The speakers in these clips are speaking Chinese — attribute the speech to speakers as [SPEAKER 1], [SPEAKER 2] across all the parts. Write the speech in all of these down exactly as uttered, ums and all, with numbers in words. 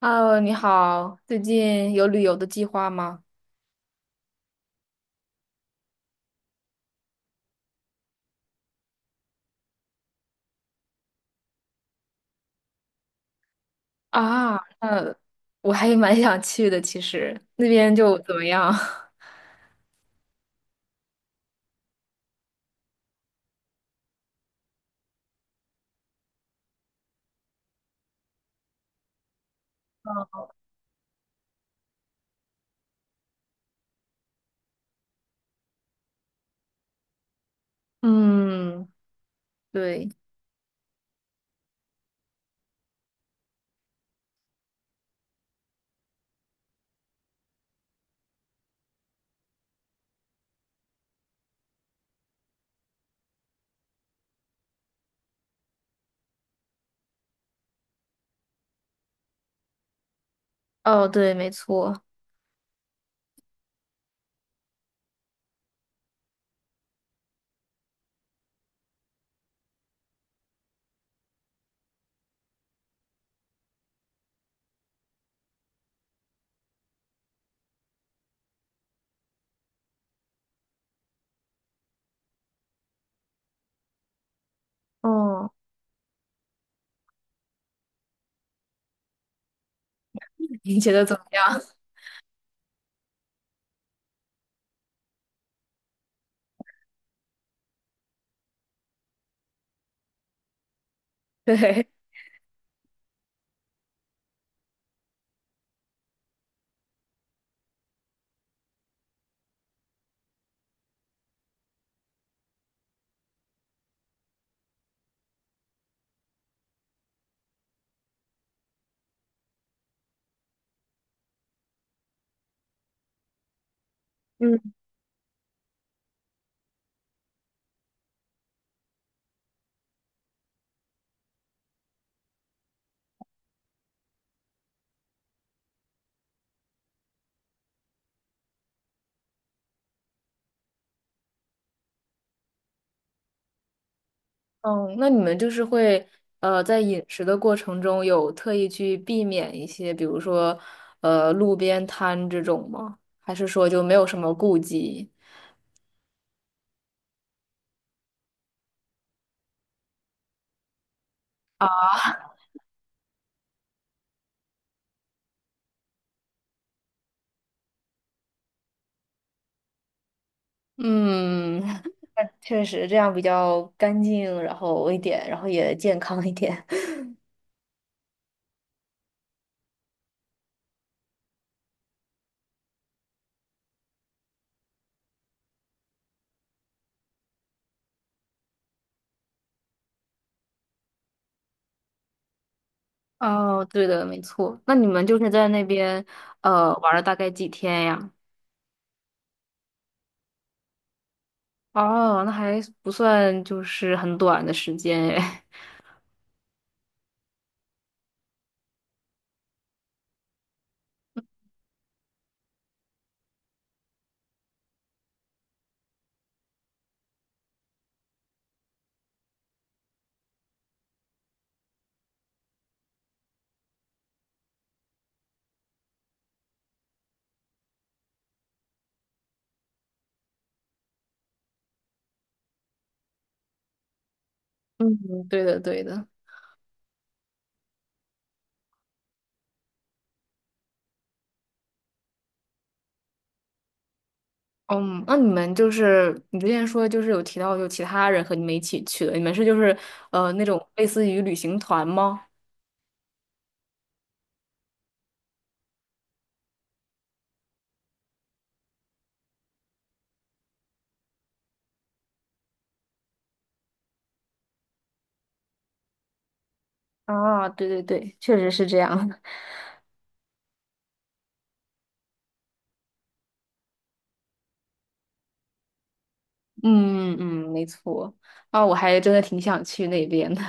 [SPEAKER 1] Hello，你好，最近有旅游的计划吗？啊，那我还蛮想去的，其实那边就怎么样？嗯，对，哦，对，没错，哦，你觉得怎么样？对，嗯，哦，那你们就是会呃，在饮食的过程中有特意去避免一些，比如说呃路边摊这种吗？还是说就没有什么顾忌？嗯，确实这样比较干净，然后一点，然后也健康一点。哦，对的，没错。那你们就是在那边呃玩了大概几天呀？哦，那还不算就是很短的时间诶。嗯，对的，对的。嗯，那你们就是你之前说就是有提到就其他人和你们一起去的，你们是就是呃那种类似于旅行团吗？啊，对对对，确实是这样的。嗯嗯，没错。啊，我还真的挺想去那边的，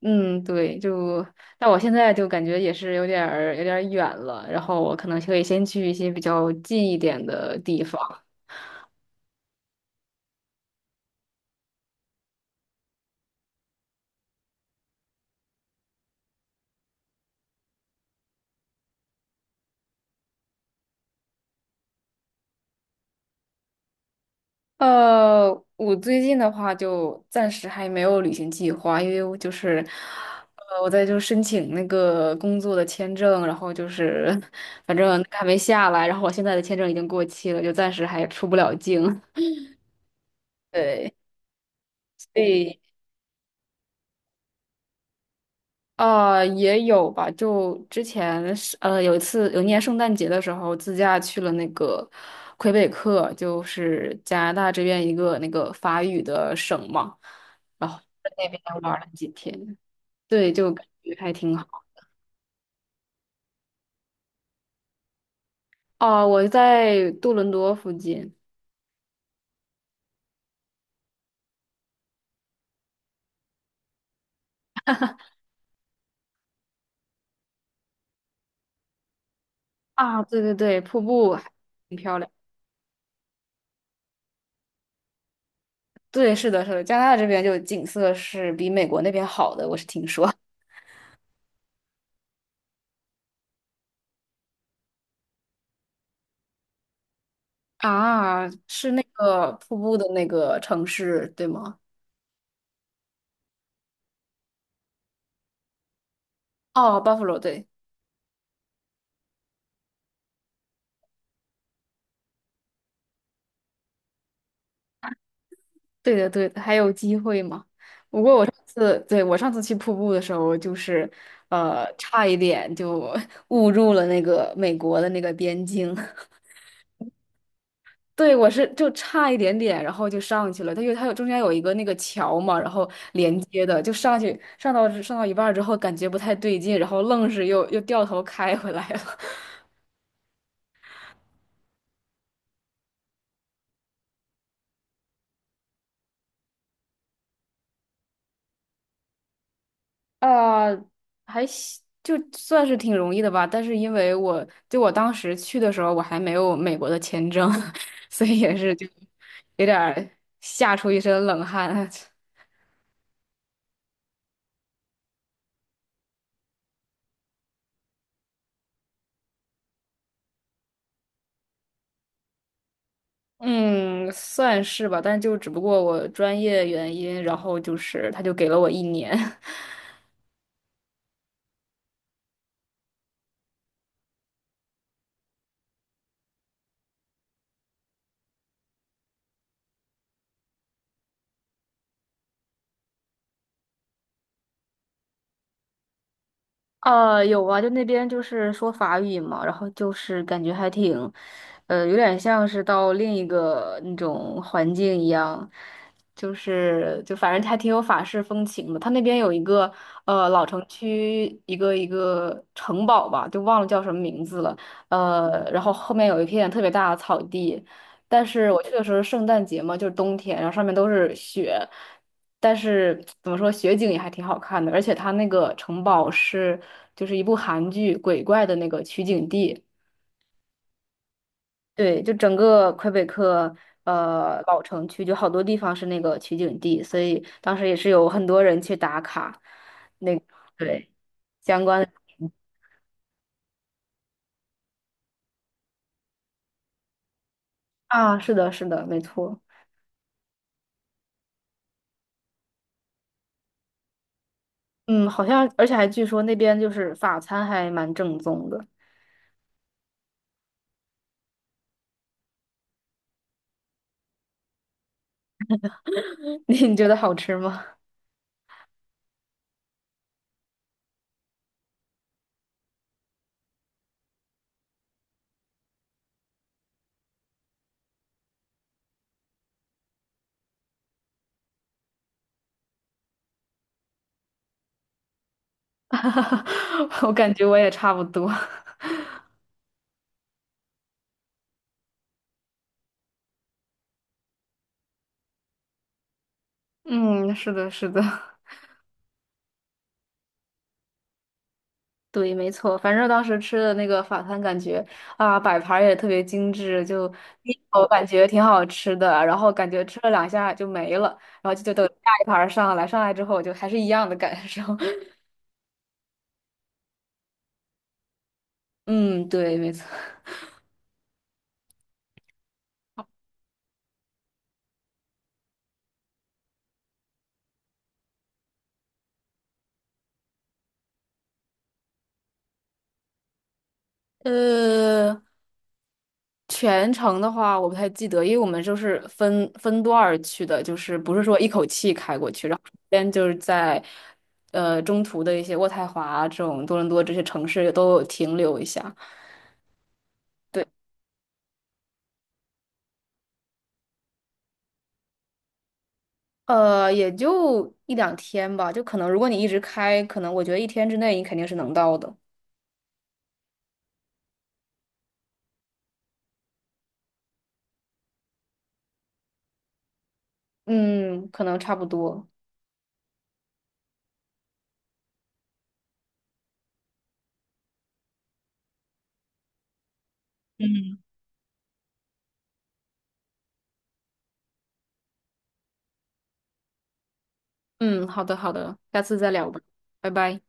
[SPEAKER 1] 嗯，对，就，但我现在就感觉也是有点儿有点儿远了，然后我可能可以先去一些比较近一点的地方。呃，我最近的话就暂时还没有旅行计划，因为我就是，呃，我在就申请那个工作的签证，然后就是，反正还没下来，然后我现在的签证已经过期了，就暂时还出不了境。对，所以呃，也有吧。就之前是呃有一次有一年圣诞节的时候，自驾去了那个魁北克，就是加拿大这边一个那个法语的省嘛，然后在那边玩了几天，对，就感觉还挺好。哦、我在多伦多附近啊，对对对，瀑布还挺漂亮。对，是的，是的，加拿大这边就景色是比美国那边好的，我是听说。啊，是那个瀑布的那个城市，对吗？哦，Buffalo，对，对的，对的，还有机会吗？是，对，我上次去瀑布的时候，就是呃，差一点就 误入了那个美国的那个边境。对，我是就差一点点，然后就上去了。它有它有中间有一个那个桥嘛，然后连接的，就上去上到上到一半儿之后，感觉不太对劲，然后愣是又又掉头开回来了。呃，还行就算是挺容易的吧，但是因为我就我当时去的时候，我还没有美国的签证，所以也是就有点儿吓出一身冷汗。嗯，算是吧，但就只不过我专业原因，然后就是他就给了我一年。呃，有啊，就那边就是说法语嘛，然后就是感觉还挺，呃，有点像是到另一个那种环境一样，就是就反正还挺有法式风情的。他那边有一个呃老城区，一个一个城堡吧，就忘了叫什么名字了，呃，然后后面有一片特别大的草地，但是我去的时候是圣诞节嘛，就是冬天，然后上面都是雪，但是怎么说，雪景也还挺好看的，而且它那个城堡是就是一部韩剧鬼怪的那个取景地，对，就整个魁北克呃老城区就好多地方是那个取景地，所以当时也是有很多人去打卡，那对相关的啊，是的，是的，没错。嗯，好像，而且还据说那边就是法餐还蛮正宗的，你你觉得好吃吗？哈哈，我感觉我也差不多。嗯，是的，是的，对，没错。反正当时吃的那个法餐，感觉啊，摆盘儿也特别精致，就 第一口感觉挺好吃的，然后感觉吃了两下就没了，然后就就等下一盘儿上来，上来之后就还是一样的感受。嗯，对，没错。呃，全程的话，我不太记得，因为我们就是分分段儿去的，就是不是说一口气开过去，然后中间就是在呃中途的一些渥太华这种多伦多这些城市都有停留一下。对，呃，也就一两天吧，就可能如果你一直开，可能我觉得一天之内你肯定是能到的。嗯，可能差不多。嗯，好的好的，下次再聊吧，拜拜。